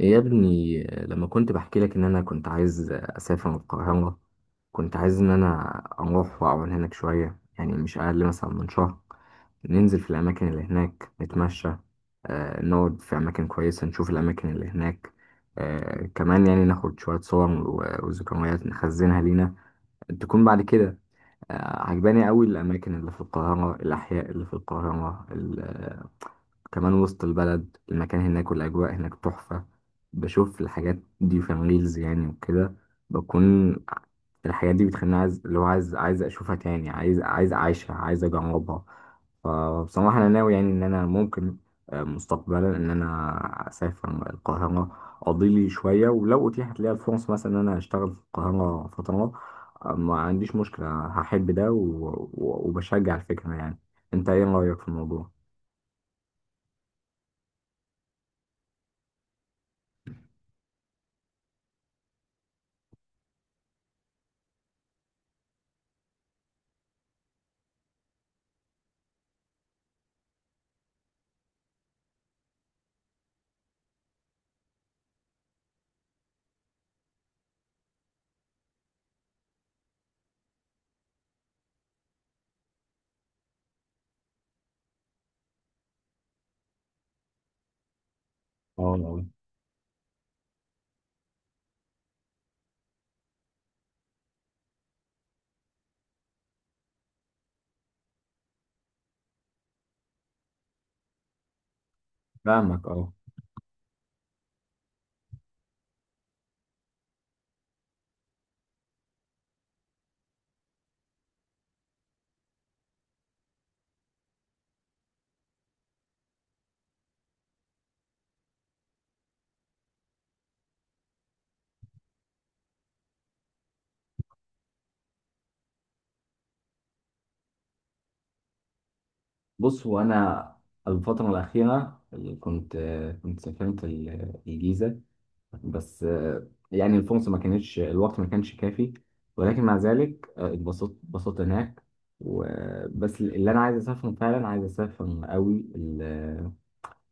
يا ابني، لما كنت بحكي لك ان انا كنت عايز اسافر من القاهرة، كنت عايز ان انا اروح واقعد هناك شوية. يعني مش اقل مثلا من شهر. ننزل في الاماكن اللي هناك نتمشى. نقعد في اماكن كويسة، نشوف الاماكن اللي هناك. كمان يعني ناخد شوية صور وذكريات نخزنها لينا تكون بعد كده. عجباني قوي الاماكن اللي في القاهرة، الاحياء اللي في القاهرة. كمان وسط البلد، المكان هناك والأجواء هناك تحفة. بشوف الحاجات دي في الريلز يعني وكده. بكون الحاجات دي بتخليني عايز، اللي هو عايز عايز أشوفها تاني، عايز عايز أعيشها، عايز أجربها. فبصراحة أنا ناوي يعني إن أنا ممكن مستقبلا إن أنا أسافر القاهرة، أقضي لي شوية. ولو أتيحت لي الفرص مثلا إن أنا أشتغل في القاهرة فترة، ما عنديش مشكلة. هحب ده وبشجع الفكرة يعني. أنت إيه رأيك في الموضوع؟ اه. فاهمك، اه. بص، هو انا الفتره الاخيره اللي كنت سافرت الجيزه. بس يعني الفرصه ما كانتش، الوقت ما كانش كافي. ولكن مع ذلك اتبسطت اتبسطت هناك. وبس اللي انا عايز اسافر فعلا، عايز اسافر قوي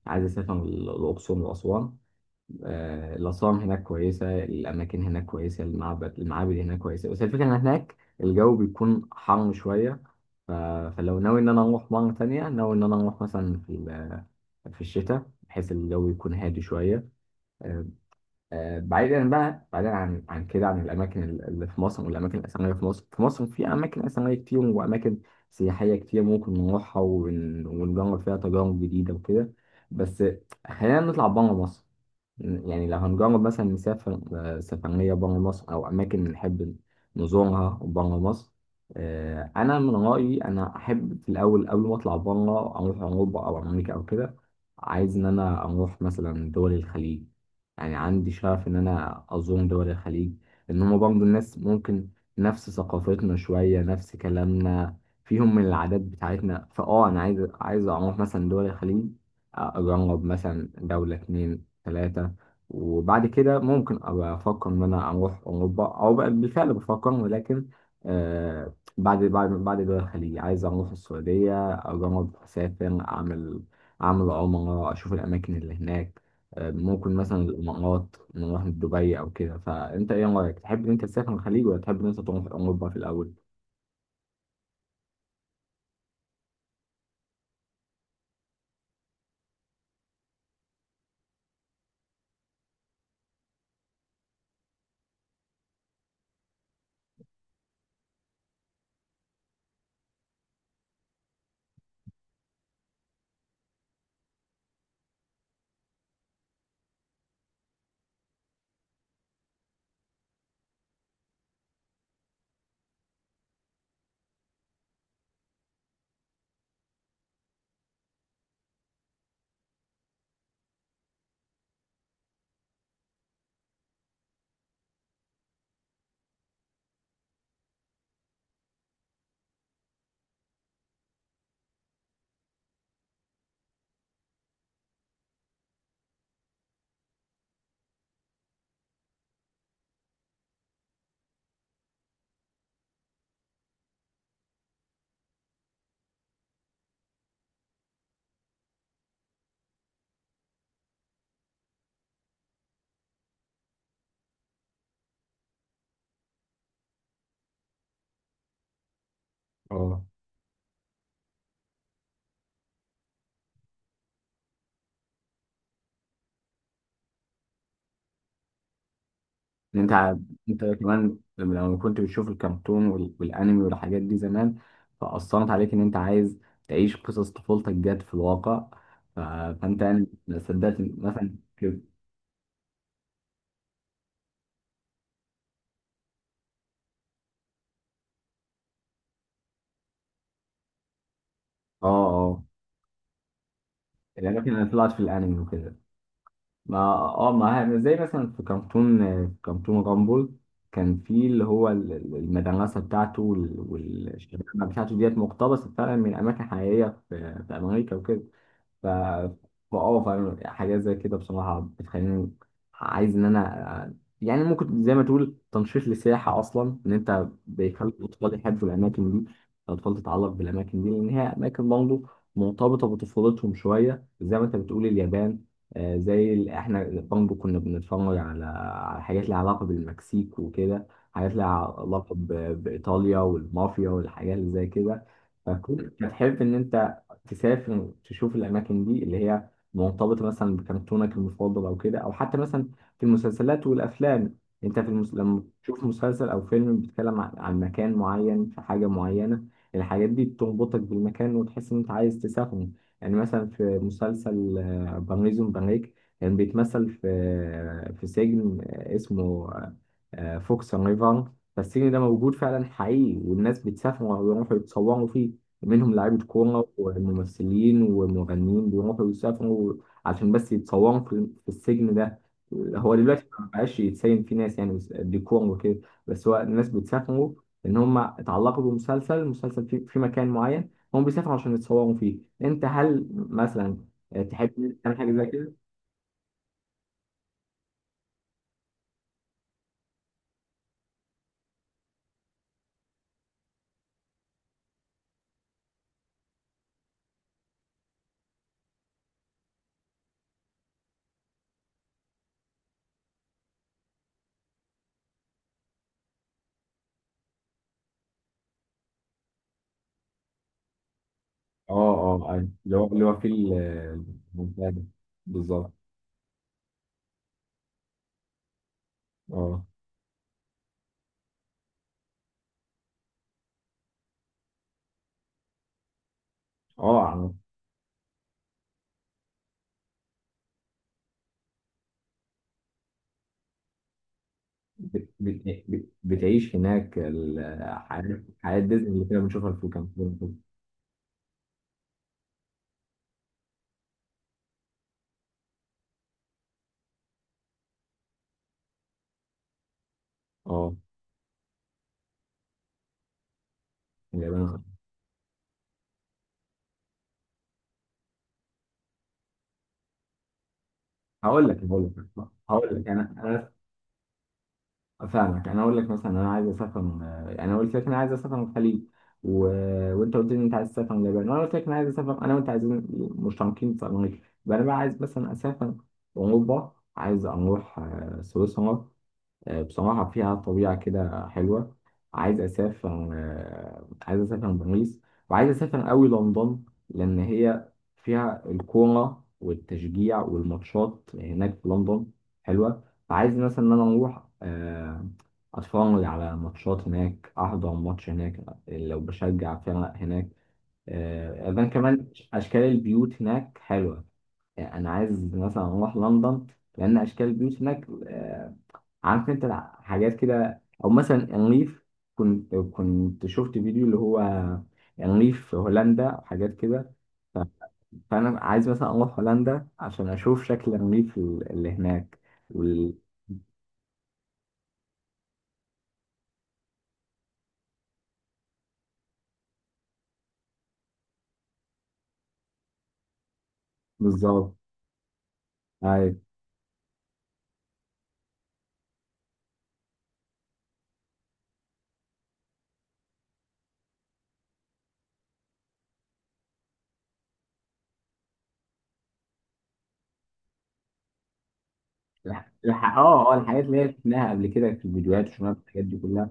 عايز اسافر الاقصر واسوان. الأسوان هناك كويسة، الأماكن هناك كويسة، المعبد المعابد هناك كويسة. بس الفكرة إن هناك الجو بيكون حر شوية. ف... فلو ناوي إن أنا أروح مرة تانية، ناوي إن أنا أروح مثلا في في الشتاء، بحيث الجو يكون هادي شوية. آه، بعيدا بقى، بعيدا عن كده، عن الأماكن اللي في مصر والأماكن الأثرية في مصر. في مصر في أماكن أثرية كتير وأماكن سياحية كتير، ممكن نروحها ونجرب فيها تجارب جديدة وكده. بس خلينا نطلع بره مصر. يعني لو هنجرب مثلا نسافر سفرية برا مصر أو أماكن نحب نزورها برا مصر. أنا من رأيي أنا أحب في الأول قبل ما أطلع برا أروح أوروبا أو أمريكا أو كده. عايز إن أنا أروح مثلا دول الخليج. يعني عندي شغف إن أنا أزور دول الخليج. لأن هما برضه الناس ممكن نفس ثقافتنا شوية، نفس كلامنا، فيهم من العادات بتاعتنا. فأه أنا عايز عايز أروح مثلا دول الخليج. أجرب مثلا دولة اتنين تلاتة. وبعد كده ممكن أبقى أفكر إن أنا أروح أوروبا، أو بقى بالفعل بفكر. ولكن بعد دول الخليج عايز أروح السعودية، أجرب أسافر، أعمل عمرة، أشوف الأماكن اللي هناك. ممكن مثلا الإمارات، نروح دبي أو كده. فأنت إيه رأيك؟ تحب إن أنت تسافر الخليج، ولا تحب إن أنت تروح أوروبا في الأول؟ اه. إن انت انت كمان لما كنت بتشوف الكرتون والانمي والحاجات دي زمان، فاثرت عليك ان انت عايز تعيش قصص طفولتك جت في الواقع. ف- فانت يعني ما صدقت مثلا كده. اه اه. الاماكن اللي طلعت في الانمي وكده. ما اه ما زي مثلا في كرتون، في كرتون رامبل، كان في اللي هو المدرسه بتاعته والشباب بتاعته، ديت مقتبسه فعلا من اماكن حقيقيه في في امريكا وكده. ف اه فاهم. حاجات زي كده بصراحة بتخليني عايز إن أنا، يعني ممكن زي ما تقول تنشيط للسياحة أصلا. إن أنت بيخلي الأطفال يحبوا الأماكن دي، الأطفال تتعلق بالأماكن دي، لأن هي أماكن برضه مرتبطة بطفولتهم شوية. زي ما أنت بتقول اليابان، زي إحنا برضه كنا بنتفرج على حاجات ليها علاقة بالمكسيك وكده، حاجات ليها علاقة بإيطاليا والمافيا والحاجات اللي زي كده. فكنت بتحب إن أنت تسافر تشوف الأماكن دي اللي هي مرتبطة مثلا بكرتونك المفضل أو كده. أو حتى مثلا في المسلسلات والأفلام، أنت في لما تشوف مسلسل أو فيلم بيتكلم عن مكان معين، في حاجة معينة، الحاجات دي بتربطك بالمكان وتحس إن أنت عايز تسافره. يعني مثلا في مسلسل برنيزون بريك، كان بيتمثل في في سجن اسمه فوكس ريفر. فالسجن ده موجود فعلا حقيقي، والناس بتسافر ويروحوا يتصوروا فيه. منهم لعيبة كورة وممثلين ومغنيين بيروحوا يسافروا عشان بس يتصوروا في في السجن ده. هو دلوقتي ما بقاش يتسين فيه ناس يعني، ديكور وكده. بس هو الناس بتسافروا إن هم اتعلقوا بمسلسل، مسلسل في مكان معين، هم بيسافروا عشان يتصوروا فيه. أنت هل مثلا تحب تعمل حاجة زي كده؟ اه، اه، أيوة. اللي هو اللي هو في المنتدى. بالظبط. اه، اه. بتعيش هناك الحياة، حياة ديزني اللي كنا بنشوفها في، كان اه. اليابان. هقول لك، انا فاهمك. انا اقول لك مثلا انا عايز اسافر، انا قلت لك انا عايز اسافر من الخليج. و... وانت قلت لي إن انت عايز تسافر من اليابان. وانا قلت لك انا عايز اسافر انا وانت، عايزين مشتركين في امريكا. يبقى انا بقى عايز مثلا اسافر اوروبا، عايز اروح سويسرا. بصراحة فيها طبيعة كده حلوة. عايز أسافر عايز أسافر باريس، وعايز أسافر أوي لندن، لأن هي فيها الكورة والتشجيع والماتشات هناك في لندن حلوة. فعايز مثلا إن أنا أروح أتفرج على ماتشات هناك، أحضر ماتش هناك، لو بشجع فرق هناك. إذن كمان أشكال البيوت هناك حلوة. يعني أنا عايز مثلا أروح لندن، لأن أشكال البيوت هناك عارف انت حاجات كده، او مثلا انريف، كنت شفت فيديو اللي هو انريف في هولندا وحاجات كده. ف- فانا عايز مثلا اروح هولندا عشان اشوف شكل الريف اللي هناك وال- بالظبط، أيوة. اه اه الحاجات اللي هي شفناها قبل كده في الفيديوهات، شفناها في الحاجات دي كلها.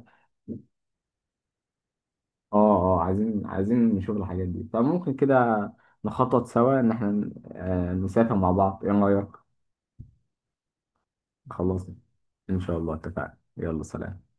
اه اه عايزين عايزين نشوف الحاجات دي. فممكن كده نخطط سوا ان احنا نسافر مع بعض. ايه رايك؟ خلاص. ان شاء الله اتفقنا. يلا، سلام.